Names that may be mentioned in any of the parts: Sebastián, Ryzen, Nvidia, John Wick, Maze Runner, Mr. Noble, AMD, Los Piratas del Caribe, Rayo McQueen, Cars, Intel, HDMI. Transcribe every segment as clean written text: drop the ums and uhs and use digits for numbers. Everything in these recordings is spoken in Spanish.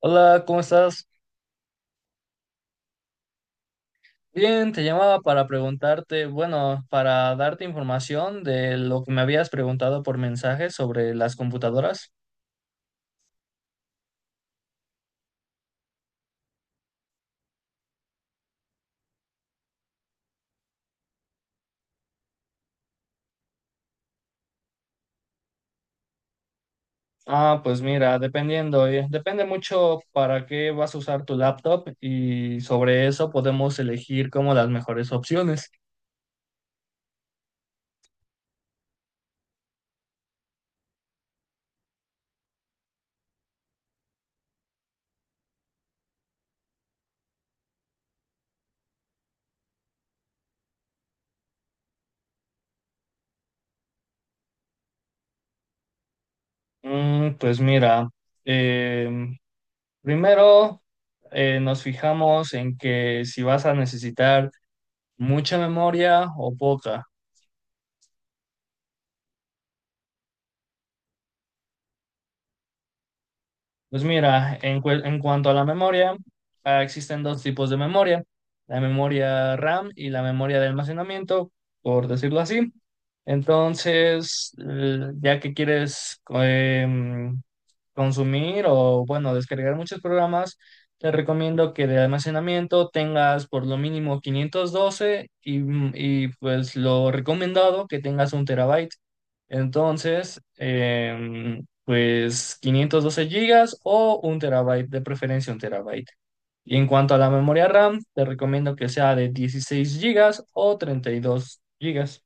Hola, ¿cómo estás? Bien, te llamaba para preguntarte, bueno, para darte información de lo que me habías preguntado por mensaje sobre las computadoras. Ah, pues mira, dependiendo, depende mucho para qué vas a usar tu laptop y sobre eso podemos elegir como las mejores opciones. Mm, pues mira, em, primero nos fijamos en que si vas a necesitar mucha memoria o poca. Pues mira, en cuanto a la memoria, existen dos tipos de memoria, la memoria RAM y la memoria de almacenamiento, por decirlo así. Entonces, ya que quieres consumir o, bueno, descargar muchos programas, te recomiendo que de almacenamiento tengas por lo mínimo 512 y, pues lo recomendado que tengas 1 TB. Entonces, pues 512 GB o 1 TB, de preferencia 1 TB. Y en cuanto a la memoria RAM, te recomiendo que sea de 16 GB o 32 GB.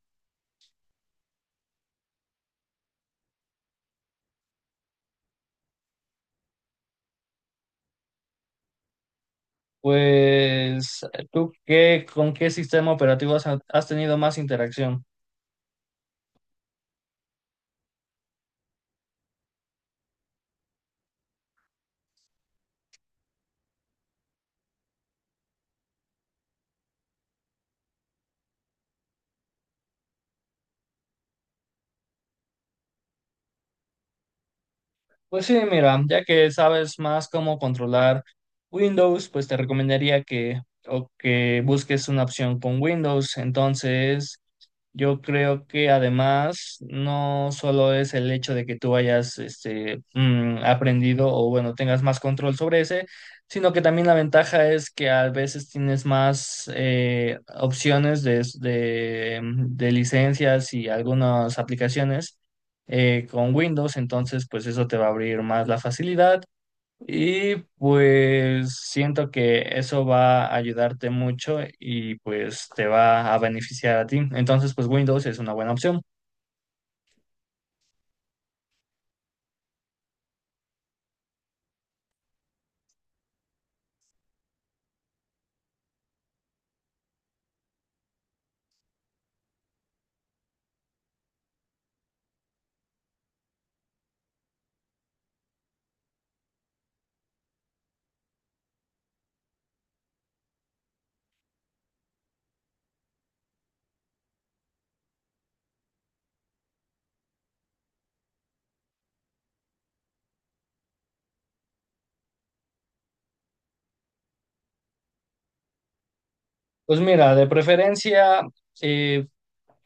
Pues, ¿tú qué, con qué sistema operativo has tenido más interacción? Pues sí, mira, ya que sabes más cómo controlar Windows, pues te recomendaría que o que busques una opción con Windows. Entonces, yo creo que además no solo es el hecho de que tú hayas aprendido o bueno, tengas más control sobre ese, sino que también la ventaja es que a veces tienes más opciones de licencias y algunas aplicaciones con Windows, entonces pues eso te va a abrir más la facilidad. Y pues siento que eso va a ayudarte mucho y pues te va a beneficiar a ti. Entonces, pues Windows es una buena opción. Pues mira, de preferencia eh,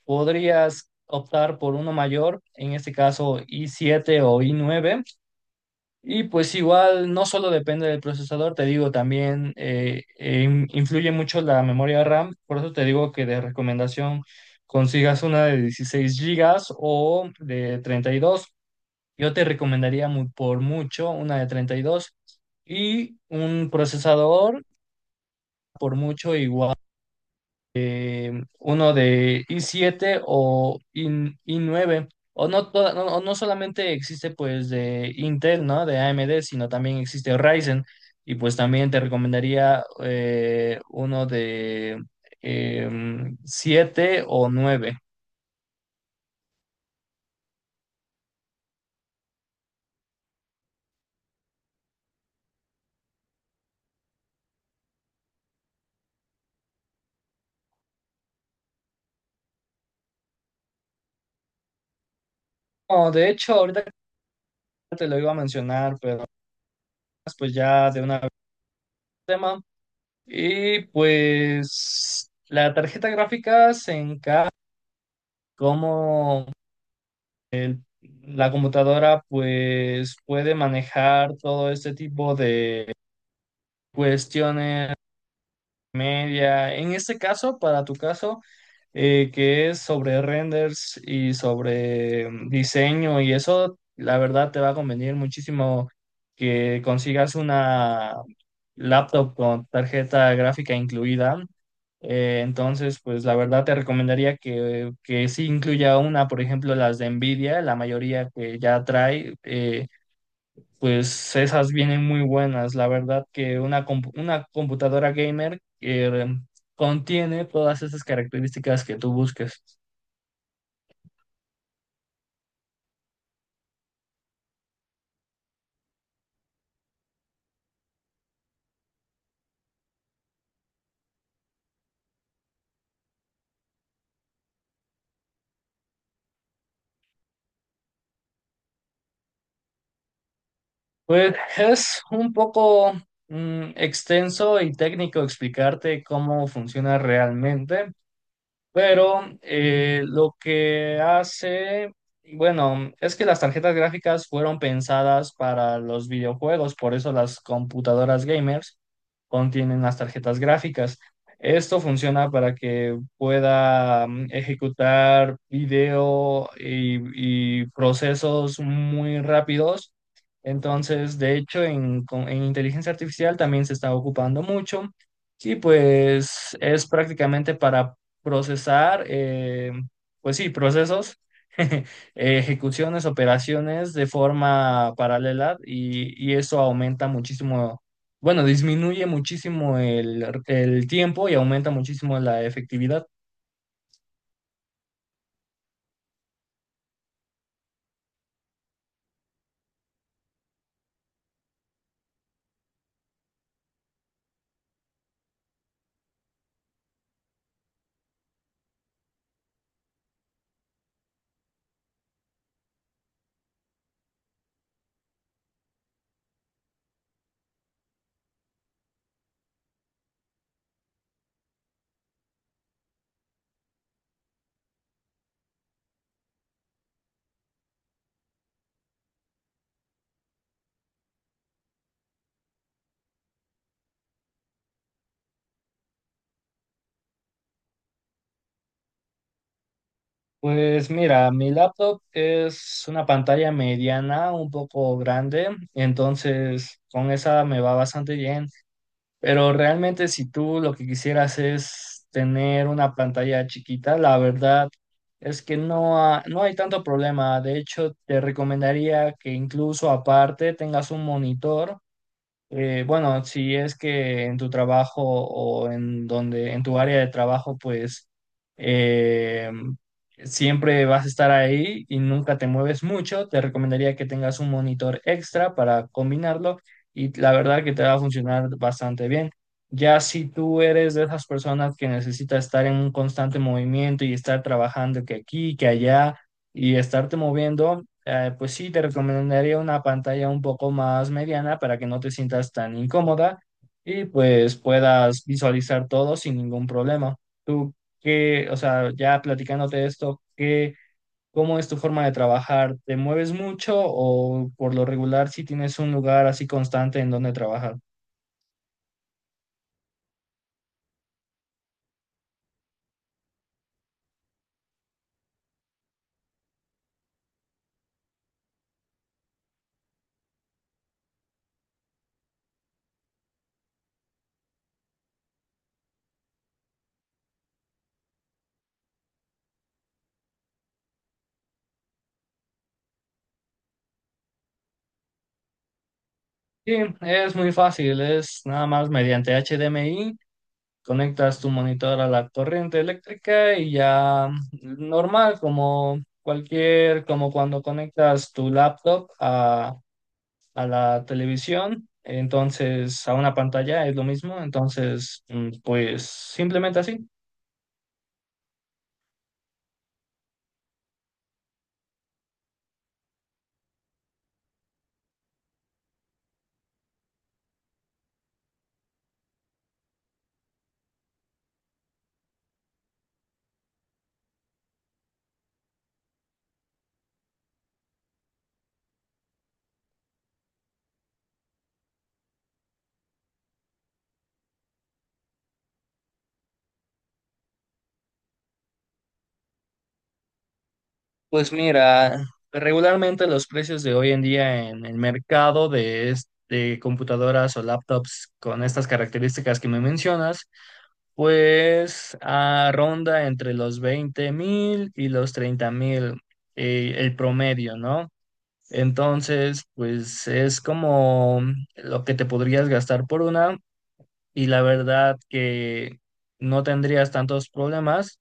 podrías optar por uno mayor, en este caso i7 o i9. Y pues igual no solo depende del procesador, te digo, también influye mucho la memoria RAM. Por eso te digo que de recomendación consigas una de 16 gigas o de 32. Yo te recomendaría por mucho una de 32 y un procesador por mucho igual, uno de i siete o i9. O no, toda- no, o no solamente existe pues de Intel, ¿no? De AMD, sino también existe Ryzen. Y pues también te recomendaría uno de 7 o nueve. No, de hecho, ahorita te lo iba a mencionar, pero pues ya de una vez el tema. Y pues la tarjeta gráfica se encarga cómo la computadora pues puede manejar todo este tipo de cuestiones media. En este caso, para tu caso, que es sobre renders y sobre diseño y eso, la verdad te va a convenir muchísimo que consigas una laptop con tarjeta gráfica incluida. Entonces, pues la verdad te recomendaría que sí incluya una, por ejemplo, las de Nvidia, la mayoría que ya trae. Pues esas vienen muy buenas. La verdad que una computadora gamer contiene todas esas características que tú busques. Pues es un poco extenso y técnico explicarte cómo funciona realmente, pero lo que hace, bueno, es que las tarjetas gráficas fueron pensadas para los videojuegos, por eso las computadoras gamers contienen las tarjetas gráficas. Esto funciona para que pueda ejecutar video y procesos muy rápidos. Entonces, de hecho, en inteligencia artificial también se está ocupando mucho. Sí, pues es prácticamente para procesar, pues sí, procesos, eh, ejecuciones, operaciones de forma paralela y eso aumenta muchísimo, bueno, disminuye muchísimo el tiempo y aumenta muchísimo la efectividad. Pues mira, mi laptop es una pantalla mediana, un poco grande, entonces con esa me va bastante bien. Pero realmente si tú lo que quisieras es tener una pantalla chiquita, la verdad es que no hay tanto problema. De hecho, te recomendaría que incluso aparte tengas un monitor. Bueno, si es que en tu trabajo o en donde, en tu área de trabajo, pues eh, siempre vas a estar ahí y nunca te mueves mucho, te recomendaría que tengas un monitor extra para combinarlo y la verdad que te va a funcionar bastante bien. Ya si tú eres de esas personas que necesita estar en un constante movimiento y estar trabajando que aquí, que allá y estarte moviendo pues sí, te recomendaría una pantalla un poco más mediana para que no te sientas tan incómoda y pues puedas visualizar todo sin ningún problema. Tú, qué, o sea, ya platicándote de esto, ¿qué, cómo es tu forma de trabajar? ¿Te mueves mucho o por lo regular si tienes un lugar así constante en donde trabajar? Sí, es muy fácil, es nada más mediante HDMI. Conectas tu monitor a la corriente eléctrica y ya normal, como cualquier, como cuando conectas tu laptop a la televisión, entonces a una pantalla es lo mismo, entonces pues simplemente así. Pues mira, regularmente los precios de hoy en día en el mercado de computadoras o laptops con estas características que me mencionas, pues ronda entre los 20,000 y los 30,000 el promedio, ¿no? Entonces, pues es como lo que te podrías gastar por una y la verdad que no tendrías tantos problemas.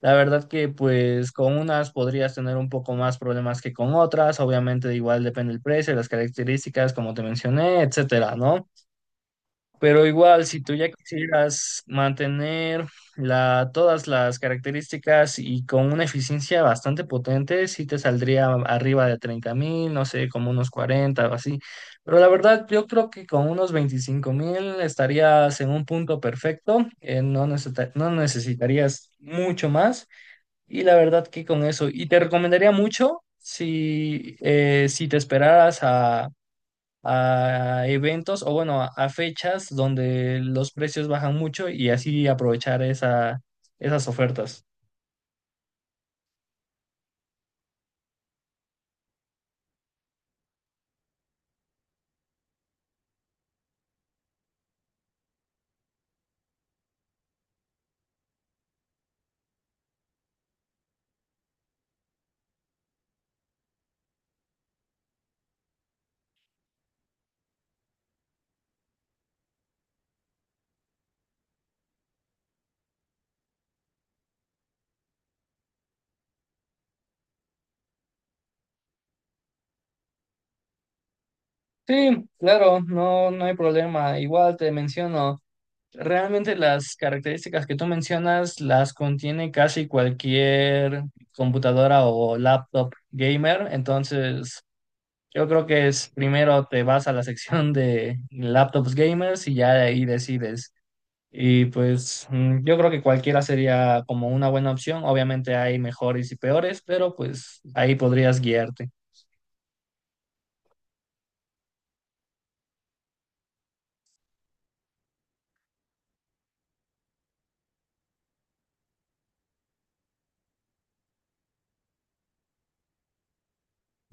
La verdad que pues con unas podrías tener un poco más problemas que con otras, obviamente igual depende el precio, las características, como te mencioné, etcétera, ¿no? Pero igual si tú ya quisieras mantener todas las características y con una eficiencia bastante potente, sí te saldría arriba de 30,000, no sé, como unos 40 o así. Pero la verdad yo creo que con unos 25,000 estarías en un punto perfecto, no necesitarías mucho más. Y la verdad que con eso, y te recomendaría mucho si te esperaras a eventos o bueno, a fechas donde los precios bajan mucho y así aprovechar esas ofertas. Sí, claro, no, no hay problema. Igual te menciono, realmente las características que tú mencionas las contiene casi cualquier computadora o laptop gamer, entonces... Yo creo que es primero te vas a la sección de laptops gamers y ya de ahí decides. Y pues yo creo que cualquiera sería como una buena opción. Obviamente hay mejores y peores, pero pues ahí podrías guiarte.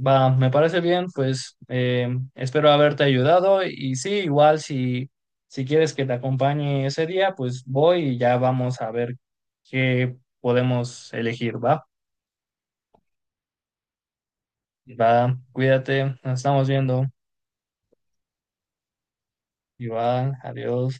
Va, me parece bien, pues espero haberte ayudado y sí, igual si quieres que te acompañe ese día, pues voy y ya vamos a ver qué podemos elegir, ¿va? Va, cuídate, nos estamos viendo. Igual, adiós.